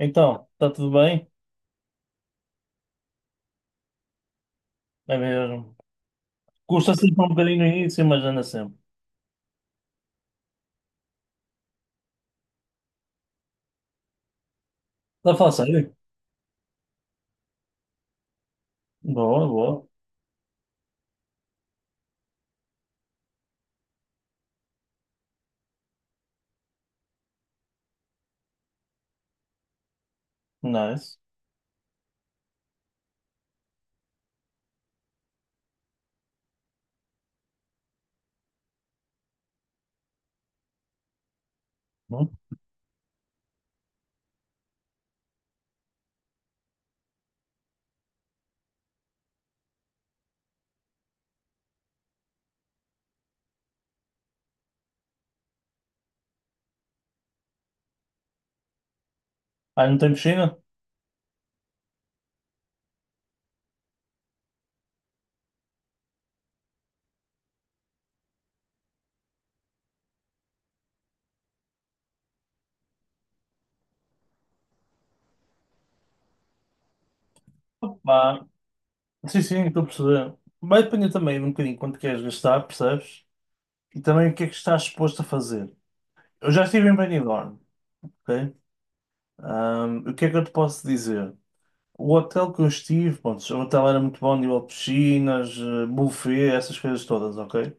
Então, está tudo bem? É mesmo. Custa sempre um bocadinho no início, mas anda sempre. Está a falar sério? Boa, boa. Nice. Hum. Ah, não tem piscina? Opa. Sim, sim, estou a perceber. Vai depender também de um bocadinho quanto queres gastar, percebes? E também o que é que estás disposto a fazer. Eu já estive em Benidorm, ok? O que é que eu te posso dizer? O hotel que eu estive, pronto, o hotel era muito bom, nível de piscinas, buffet, essas coisas todas, ok?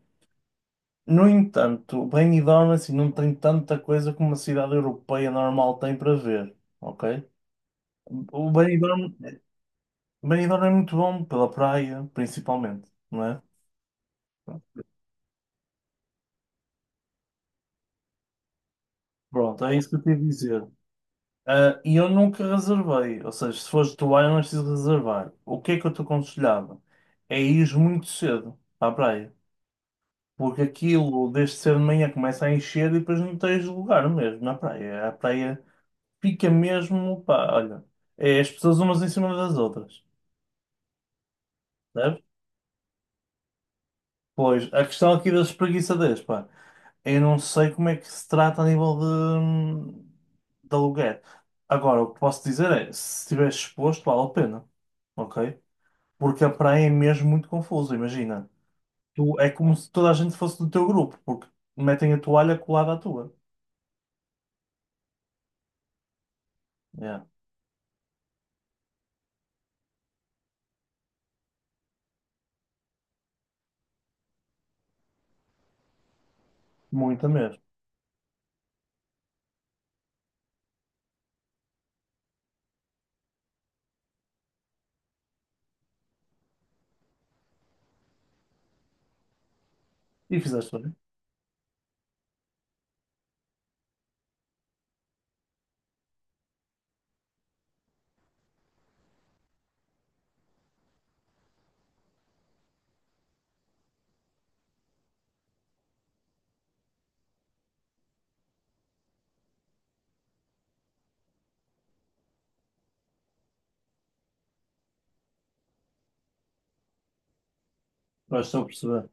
No entanto, Benidorm assim, não tem tanta coisa como uma cidade europeia normal tem para ver, ok? O Benidorm, Benidorm é muito bom pela praia, principalmente, não é? Pronto, é isso que eu te ia dizer. Ah, e eu nunca reservei, ou seja, se fores de vai, não é preciso reservar. O que é que eu te aconselhava? É ir muito cedo à praia, porque aquilo desde cedo de manhã começa a encher e depois não tens lugar mesmo na praia. A praia fica mesmo, pá, olha, é as pessoas umas em cima das outras, certo? Pois, a questão aqui das espreguiçadeiras, pá, eu não sei como é que se trata a nível de aluguer. Agora, o que posso dizer é, se estiver exposto, vale a pena, ok? Porque a praia é mesmo muito confusa, imagina. Tu, é como se toda a gente fosse do teu grupo, porque metem a toalha colada à tua. É, muita mesmo. E fizeste bem, vais só perceber.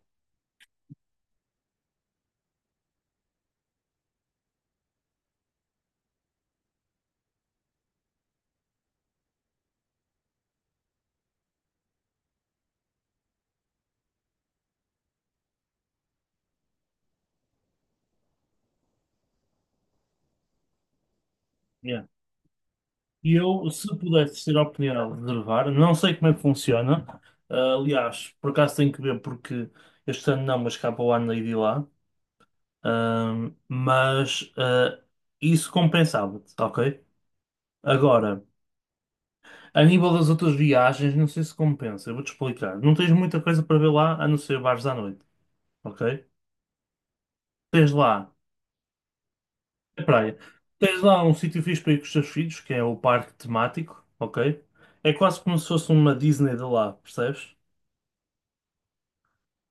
E eu, se pudesse ter a oportunidade de reservar, não sei como é que funciona. Ah, aliás, por acaso tenho que ver porque este ano não, mas cá para o ano hei de ir lá. Mas isso compensava-te, ok? Agora, a nível das outras viagens, não sei se compensa, eu vou-te explicar. Não tens muita coisa para ver lá, a não ser bares à noite, ok? Tens lá a praia. Tens lá um sítio fixe para ir com os teus filhos, que é o parque temático, ok? É quase como se fosse uma Disney de lá, percebes?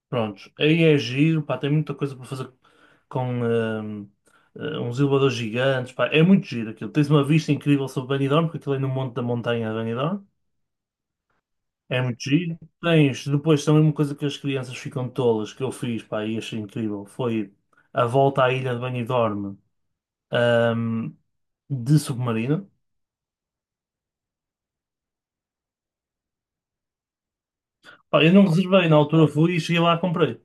Prontos, aí é giro, pá, tem muita coisa para fazer com uns elevadores gigantes, pá, é muito giro aquilo. Tens uma vista incrível sobre Benidorm, porque aquilo é no monte da montanha de Benidorm, é muito giro. Tens, depois também uma coisa que as crianças ficam tolas, que eu fiz, pá, e achei incrível, foi a volta à ilha de Benidorm, hum, de submarino. Pá, eu não reservei, na altura fui e cheguei lá e comprei,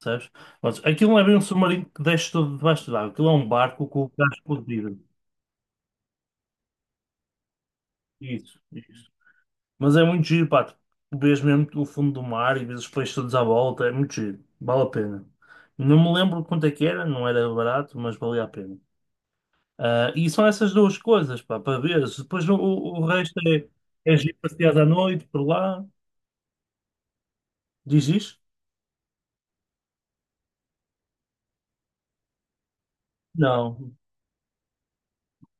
sabes? Mas aquilo não é bem um submarino que desce todo debaixo d'água, aquilo é um barco com o gás explodido. Isso, isso. Mas é muito giro, pá. Tu vês mesmo o fundo do mar e vês os peixes todos à volta. É muito giro. Vale a pena. Não me lembro quanto é que era, não era barato, mas valia a pena. Ah, e são essas duas coisas, pá, para veres. Depois o resto é, é giro passear à noite por lá. Diz isto? Não.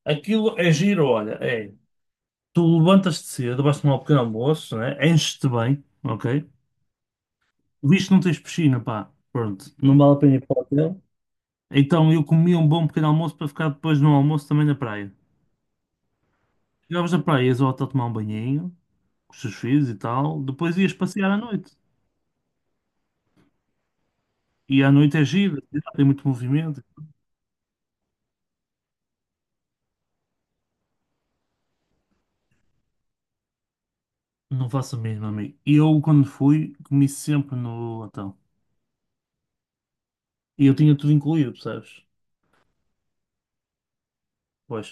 Aquilo é giro, olha. É. Tu levantas-te cedo, vais tomar um pequeno almoço, né? Enches-te bem, ok? Visto que não tens piscina, pá. Pronto, não vale a pena ir para o hotel. Então eu comia um bom pequeno almoço para ficar depois no almoço também na praia. Chegavas na praia, ias ao hotel tomar um banhinho, com os teus filhos e tal. Depois ias passear à noite. E à noite é giro, tem muito movimento. Não faço mesmo, amigo. E eu, quando fui, comi sempre no hotel. E eu tinha tudo incluído, percebes? Pois,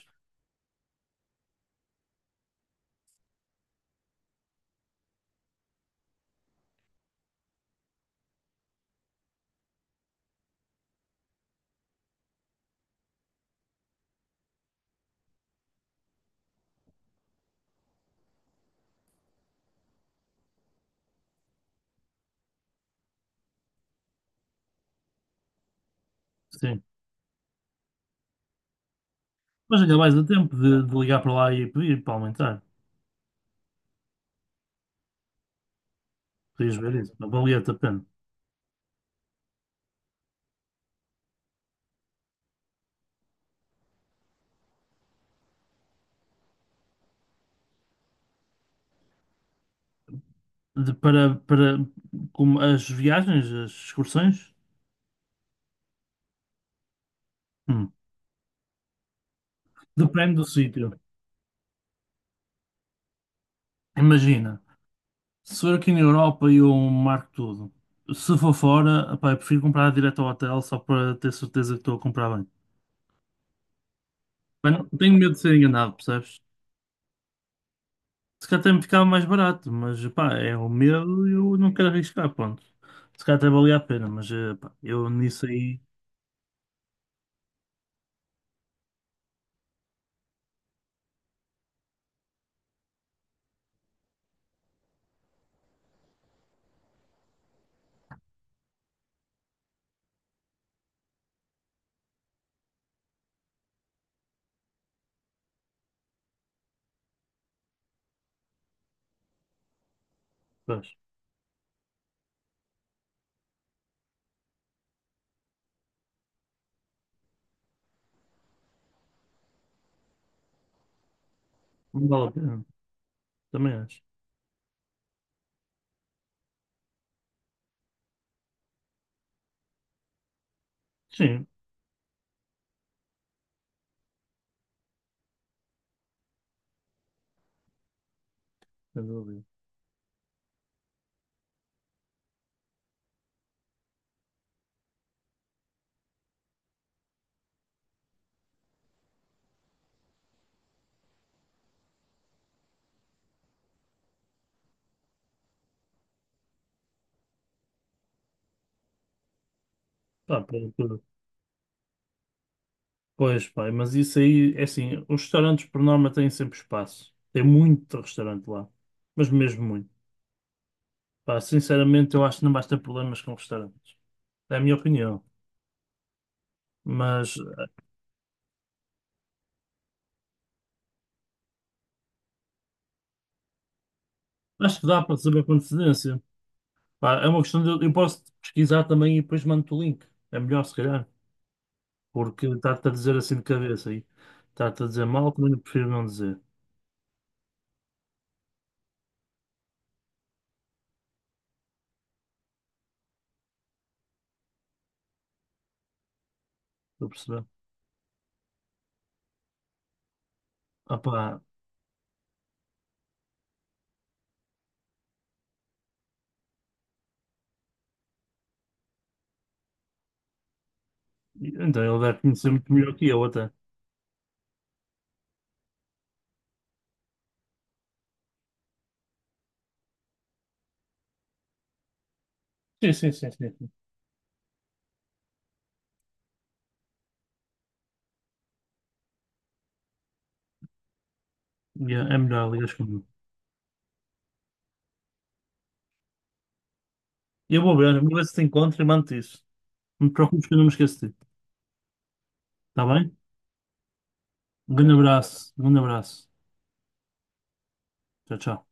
sim. Mas ainda mais a tempo de ligar para lá e pedir para aumentar. Podias ver isso. Não valia-te a pena. De- para, para como as viagens, as excursões, hum, depende do sítio. Imagina. Se for aqui na Europa, eu marco tudo. Se for fora, pá, eu prefiro comprar direto ao hotel só para ter certeza que estou a comprar bem. Mas não- tenho medo de ser enganado, percebes? Se calhar até me ficava mais barato, mas pá, é o medo e eu não quero arriscar, ponto. Se calhar até valia a pena, mas pá, eu nisso aí, pois, não vale a pena, também acho. Sim, sem dúvida. Pá, pelo que- pois, pá, mas isso aí, é assim, os restaurantes por norma têm sempre espaço. Tem muito restaurante lá, mas mesmo muito. Pá, sinceramente, eu acho que não vais ter problemas com restaurantes. É a minha opinião. Mas acho que dá para saber com antecedência. Pá, é uma questão de. Eu posso pesquisar também e depois mando-te o link. É melhor, se calhar. Porque está-te a dizer assim de cabeça aí. Está-te a dizer mal, também eu prefiro não dizer. Estou a perceber? Ah, pá. Então ele deve conhecer muito melhor que eu, até. Sim, sim, sim, sim, sim. Yeah, é melhor, ligas comigo. E eu vou ver se te encontro e mando-te isso. Não te preocupes que eu não me esqueço de ti. Está bem? Um grande abraço. Um grande abraço. Tchau, tchau.